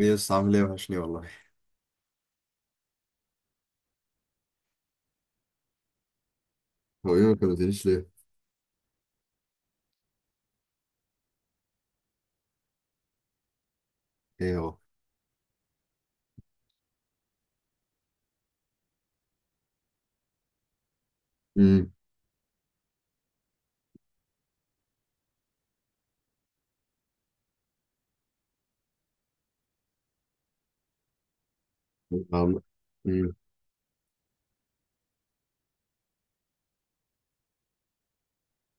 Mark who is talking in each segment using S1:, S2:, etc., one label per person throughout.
S1: ايه يس، عامل ايه؟ وحش ليه والله. هو ايه ما كلمتنيش ليه؟ ايه هو؟ امم عم... امم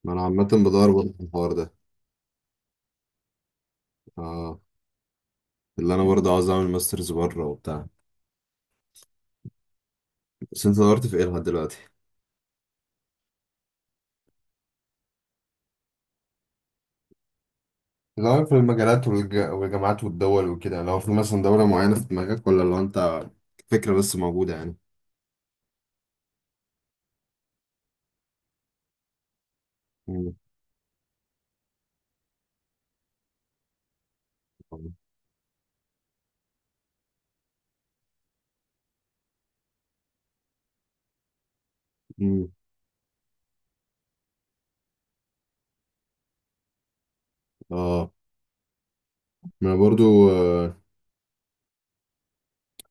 S1: ما انا عامة بدور برضه في الحوار ده. اه، اللي انا برضه عاوز اعمل ماسترز بره وبتاع. بس انت دورت في ايه لحد دلوقتي؟ دور في المجالات والجامعات والدول وكده، لو في مثلا دولة معينة في دماغك، ولا لو انت فكرة بس موجودة يعني. امم امم اه، ما انا برضه آه...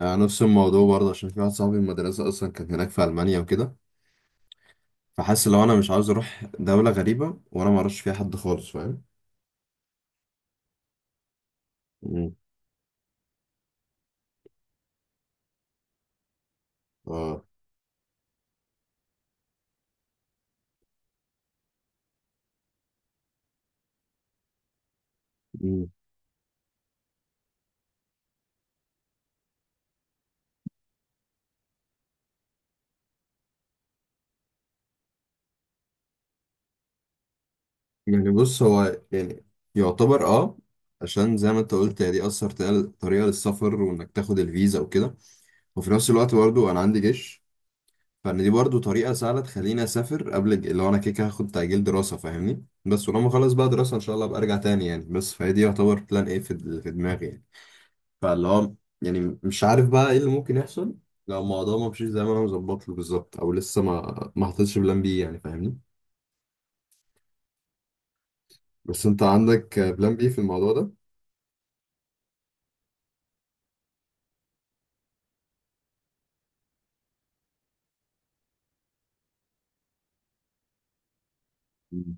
S1: نفس الموضوع برضه، عشان في واحد صاحبي من المدرسة اصلا كان هناك في المانيا وكده. فحاسس لو انا مش عاوز اروح دولة غريبة وانا ما اعرفش فيها حد خالص، فاهم. مم. اه. مم. يعني بص، هو يعني يعتبر اه، عشان زي ما انت قلت، هي دي اثر طريقة للسفر، وانك تاخد الفيزا وكده. وفي نفس الوقت برضو انا عندي جيش. فان دي برضو طريقة سهلة تخليني اسافر قبل اللي هو انا كده كده هاخد تأجيل دراسة فاهمني. بس ولما اخلص بقى دراسة ان شاء الله ابقى ارجع تاني يعني. بس فهي دي يعتبر بلان ايه في دماغي يعني. فاللي هو يعني مش عارف بقى ايه اللي ممكن يحصل، لو الموضوع ما مشيش زي ما انا مظبط له بالظبط، او لسه ما حطيتش بلان بي يعني، فاهمني. بس انت عندك بلان بي في الموضوع ده؟ مم.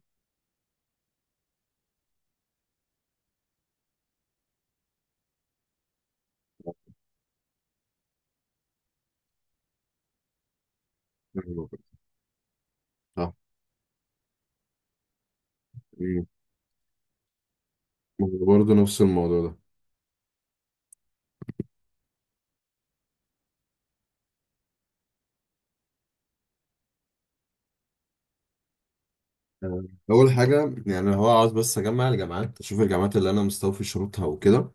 S1: صح. مم. برضه نفس الموضوع ده. آه، اول حاجه يعني، هو عاوز بس اجمع الجامعات، اشوف الجامعات اللي انا مستوفي شروطها وكده،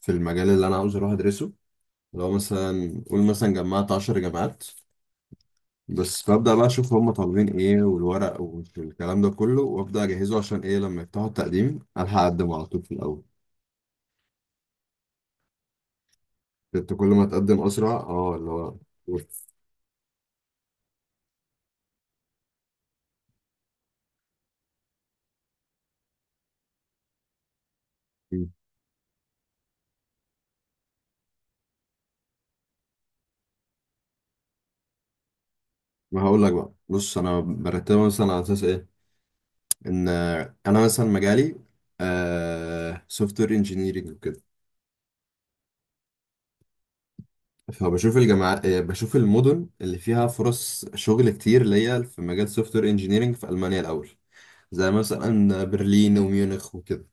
S1: في المجال اللي انا عاوز اروح ادرسه. لو مثلا قول مثلا جمعت 10 جامعات بس، فابدا بقى اشوف هم طالبين ايه، والورق والكلام ده كله، وابدا اجهزه عشان ايه لما يفتحوا التقديم الحق اقدم على طول في الاول. انت كل ما تقدم اسرع اه اللي هو. بص، ما هقول لك بقى، بص انا برتبها مثلا على اساس ايه. ان انا مثلا مجالي سوفت وير انجينيرنج وكده. فبشوف الجامعات، بشوف المدن اللي فيها فرص شغل كتير، اللي هي في مجال سوفت وير انجينيرنج في المانيا الاول. زي مثلا برلين وميونخ وكده.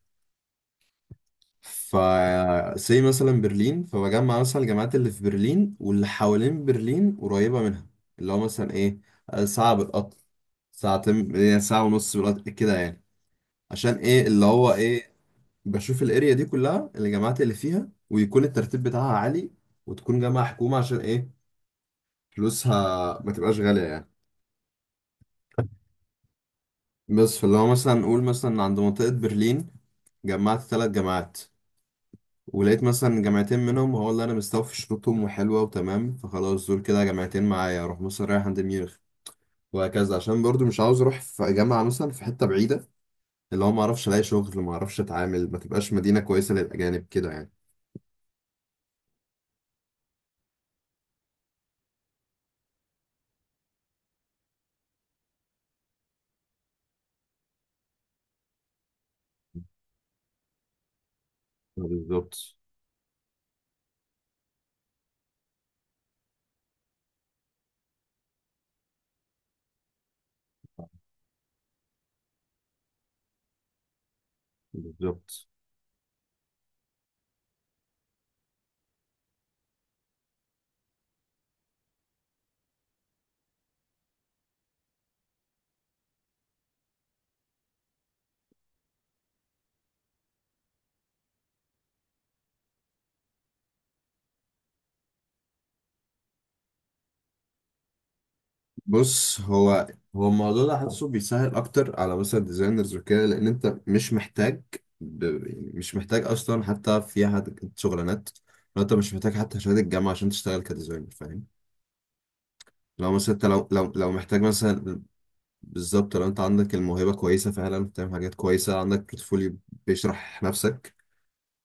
S1: ف زي مثلا برلين، فبجمع مثلا الجامعات اللي في برلين واللي حوالين برلين قريبة منها، اللي هو مثلا ايه، ساعة بالقطر، ساعتين، يعني ساعة ونص بالقطر كده يعني. عشان ايه اللي هو ايه، بشوف الاريا دي كلها الجامعات اللي فيها، ويكون الترتيب بتاعها عالي، وتكون جامعة حكومة عشان ايه، فلوسها ما تبقاش غالية يعني. بس فاللي هو مثلا نقول مثلا عند منطقة برلين جمعت ثلاث جامعات، ولقيت مثلا جامعتين منهم هو اللي انا مستوفي شروطهم وحلوه وتمام، فخلاص دول كده جامعتين معايا. اروح مثلا رايح عند ميونخ، وهكذا. عشان برضو مش عاوز اروح في جامعه مثلا في حته بعيده، اللي هو ما اعرفش الاقي شغل، ما اعرفش اتعامل، ما تبقاش مدينه كويسه للاجانب كده يعني. بالظبط. بالظبط. بص هو، الموضوع ده حاسه بيسهل اكتر على مثلا ديزاينرز وكده، لان انت مش محتاج يعني مش محتاج اصلا حتى في حد شغلانات. لو انت مش محتاج حتى شهاده الجامعه عشان تشتغل كديزاينر، فاهم. لو مثلا انت لو محتاج مثلا، بالظبط، لو انت عندك الموهبة كويسة فعلا، بتعمل حاجات كويسة، عندك بورتفوليو بيشرح نفسك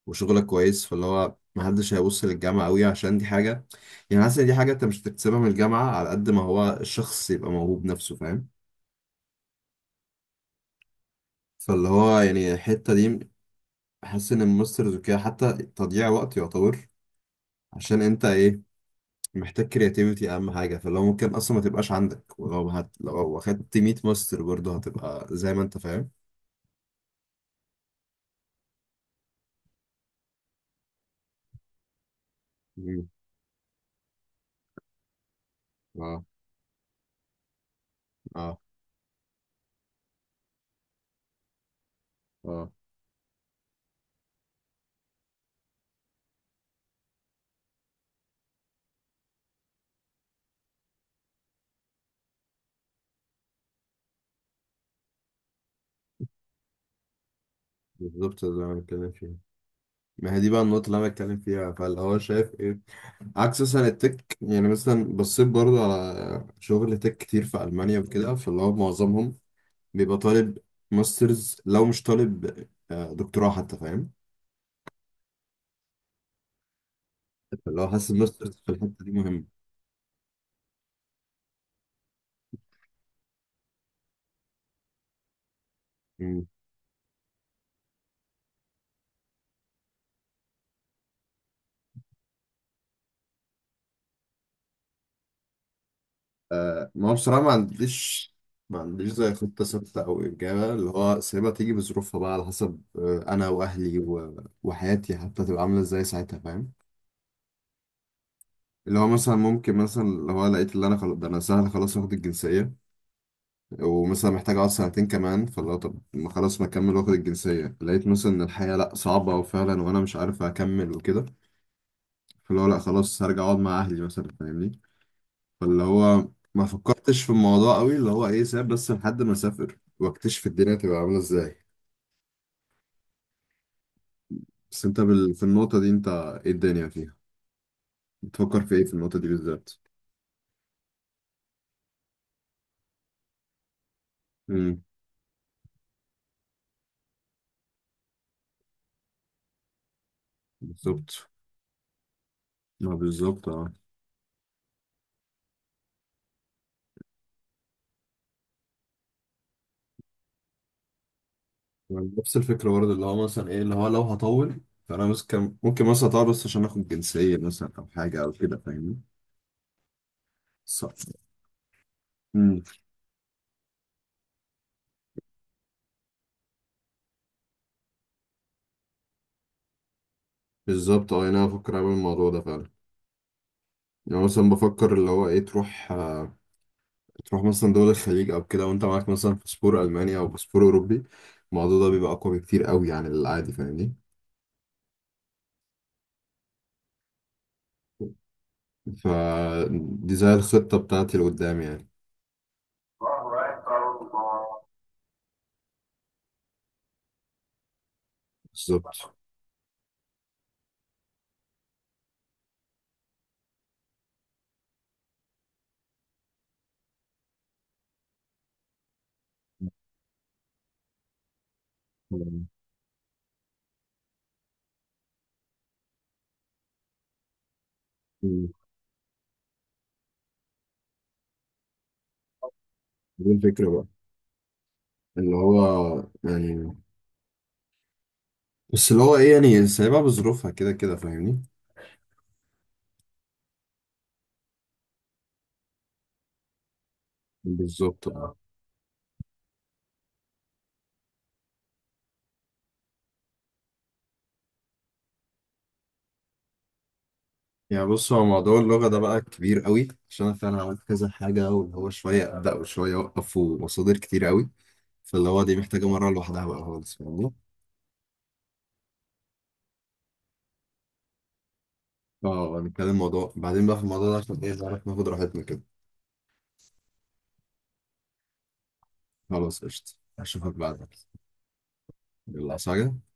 S1: وشغلك كويس، فاللي هو محدش هيبص للجامعة قوي، عشان دي حاجة، يعني حاسس ان دي حاجة انت مش هتكتسبها من الجامعة على قد ما هو الشخص يبقى موهوب نفسه، فاهم. فاللي هو يعني الحتة دي حاسس ان الماسترز وكده حتى تضييع وقت يعتبر، عشان انت ايه، محتاج كرياتيفيتي اهم حاجة. فاللي هو ممكن اصلا ما تبقاش عندك، ولو لو اخدت 100 ماستر برضه هتبقى زي ما انت فاهم. اه. اه. اه، بالظبط ده اللي انا بتكلم فيه. ما هي دي بقى النقطة اللي انا بتكلم فيها، فاللي هو شايف ايه عكس مثلا التك. يعني مثلا بصيت برضو على شغل تك كتير في ألمانيا وكده، فاللي هو معظمهم بيبقى طالب ماسترز، لو مش طالب دكتوراه حتى، فاهم. فاللي هو حاسس الماسترز في الحتة دي مهمة. مم. آه، ما هو بصراحة ما عنديش، ما عنديش زي خطة ثابتة أو إجابة. اللي هو سايبها تيجي بظروفها بقى، على حسب أنا وأهلي وحياتي حتى تبقى عاملة إزاي ساعتها، فاهم. اللي هو مثلا ممكن مثلا اللي هو لقيت اللي انا خلاص ده انا سهل خلاص واخد الجنسية، ومثلا محتاج اقعد سنتين كمان، فاللي هو طب ما خلاص ما اكمل واخد الجنسية. لقيت مثلا ان الحياة لا صعبة وفعلا وانا مش عارف اكمل وكده، فاللي هو لا خلاص هرجع اقعد مع اهلي مثلا، فاهمني. فاللي هو ما فكرتش في الموضوع قوي اللي هو ايه، ساب بس لحد ما اسافر واكتشف الدنيا تبقى عاملة ازاي. بس انت في النقطة دي انت ايه الدنيا فيها، بتفكر في ايه في النقطة دي بالذات؟ امم بالظبط، ما بالظبط اه. نفس الفكرة برضه، اللي هو مثلا ايه اللي هو لو هطول، فانا بس كان ممكن مثلا اطول بس عشان اخد جنسية مثلا او حاجة او كده، فاهمني. صح. امم بالظبط اه، يعني انا بفكر اعمل الموضوع ده فعلا. يعني مثلا بفكر اللي هو ايه تروح تروح مثلا دول الخليج او كده، وانت معاك مثلا باسبور الماني او باسبور اوروبي، الموضوع ده بيبقى اقوى بكتير قوي عن العادي، فاهمني. فدي زي الخطة بتاعتي لقدام يعني. بالظبط. أمم. دي الفكرة بقى، اللي هو يعني، بس اللي هو ايه، يعني سايبها بظروفها كده كده، فاهمني. بالظبط اه. يعني بص، هو موضوع اللغة ده بقى كبير قوي، عشان انا فعلا عملت كذا حاجة، واللي هو شوية ابدأ وشوية اوقف، ومصادر كتير قوي، فاللي هو دي محتاجة مرة لوحدها بقى خالص، فاهمني. اه هنتكلم موضوع بعدين بقى في الموضوع ده، عشان ايه نعرف ناخد راحتنا كده. خلاص قشطة، اشوفك بعدين. يلا عايز حاجة؟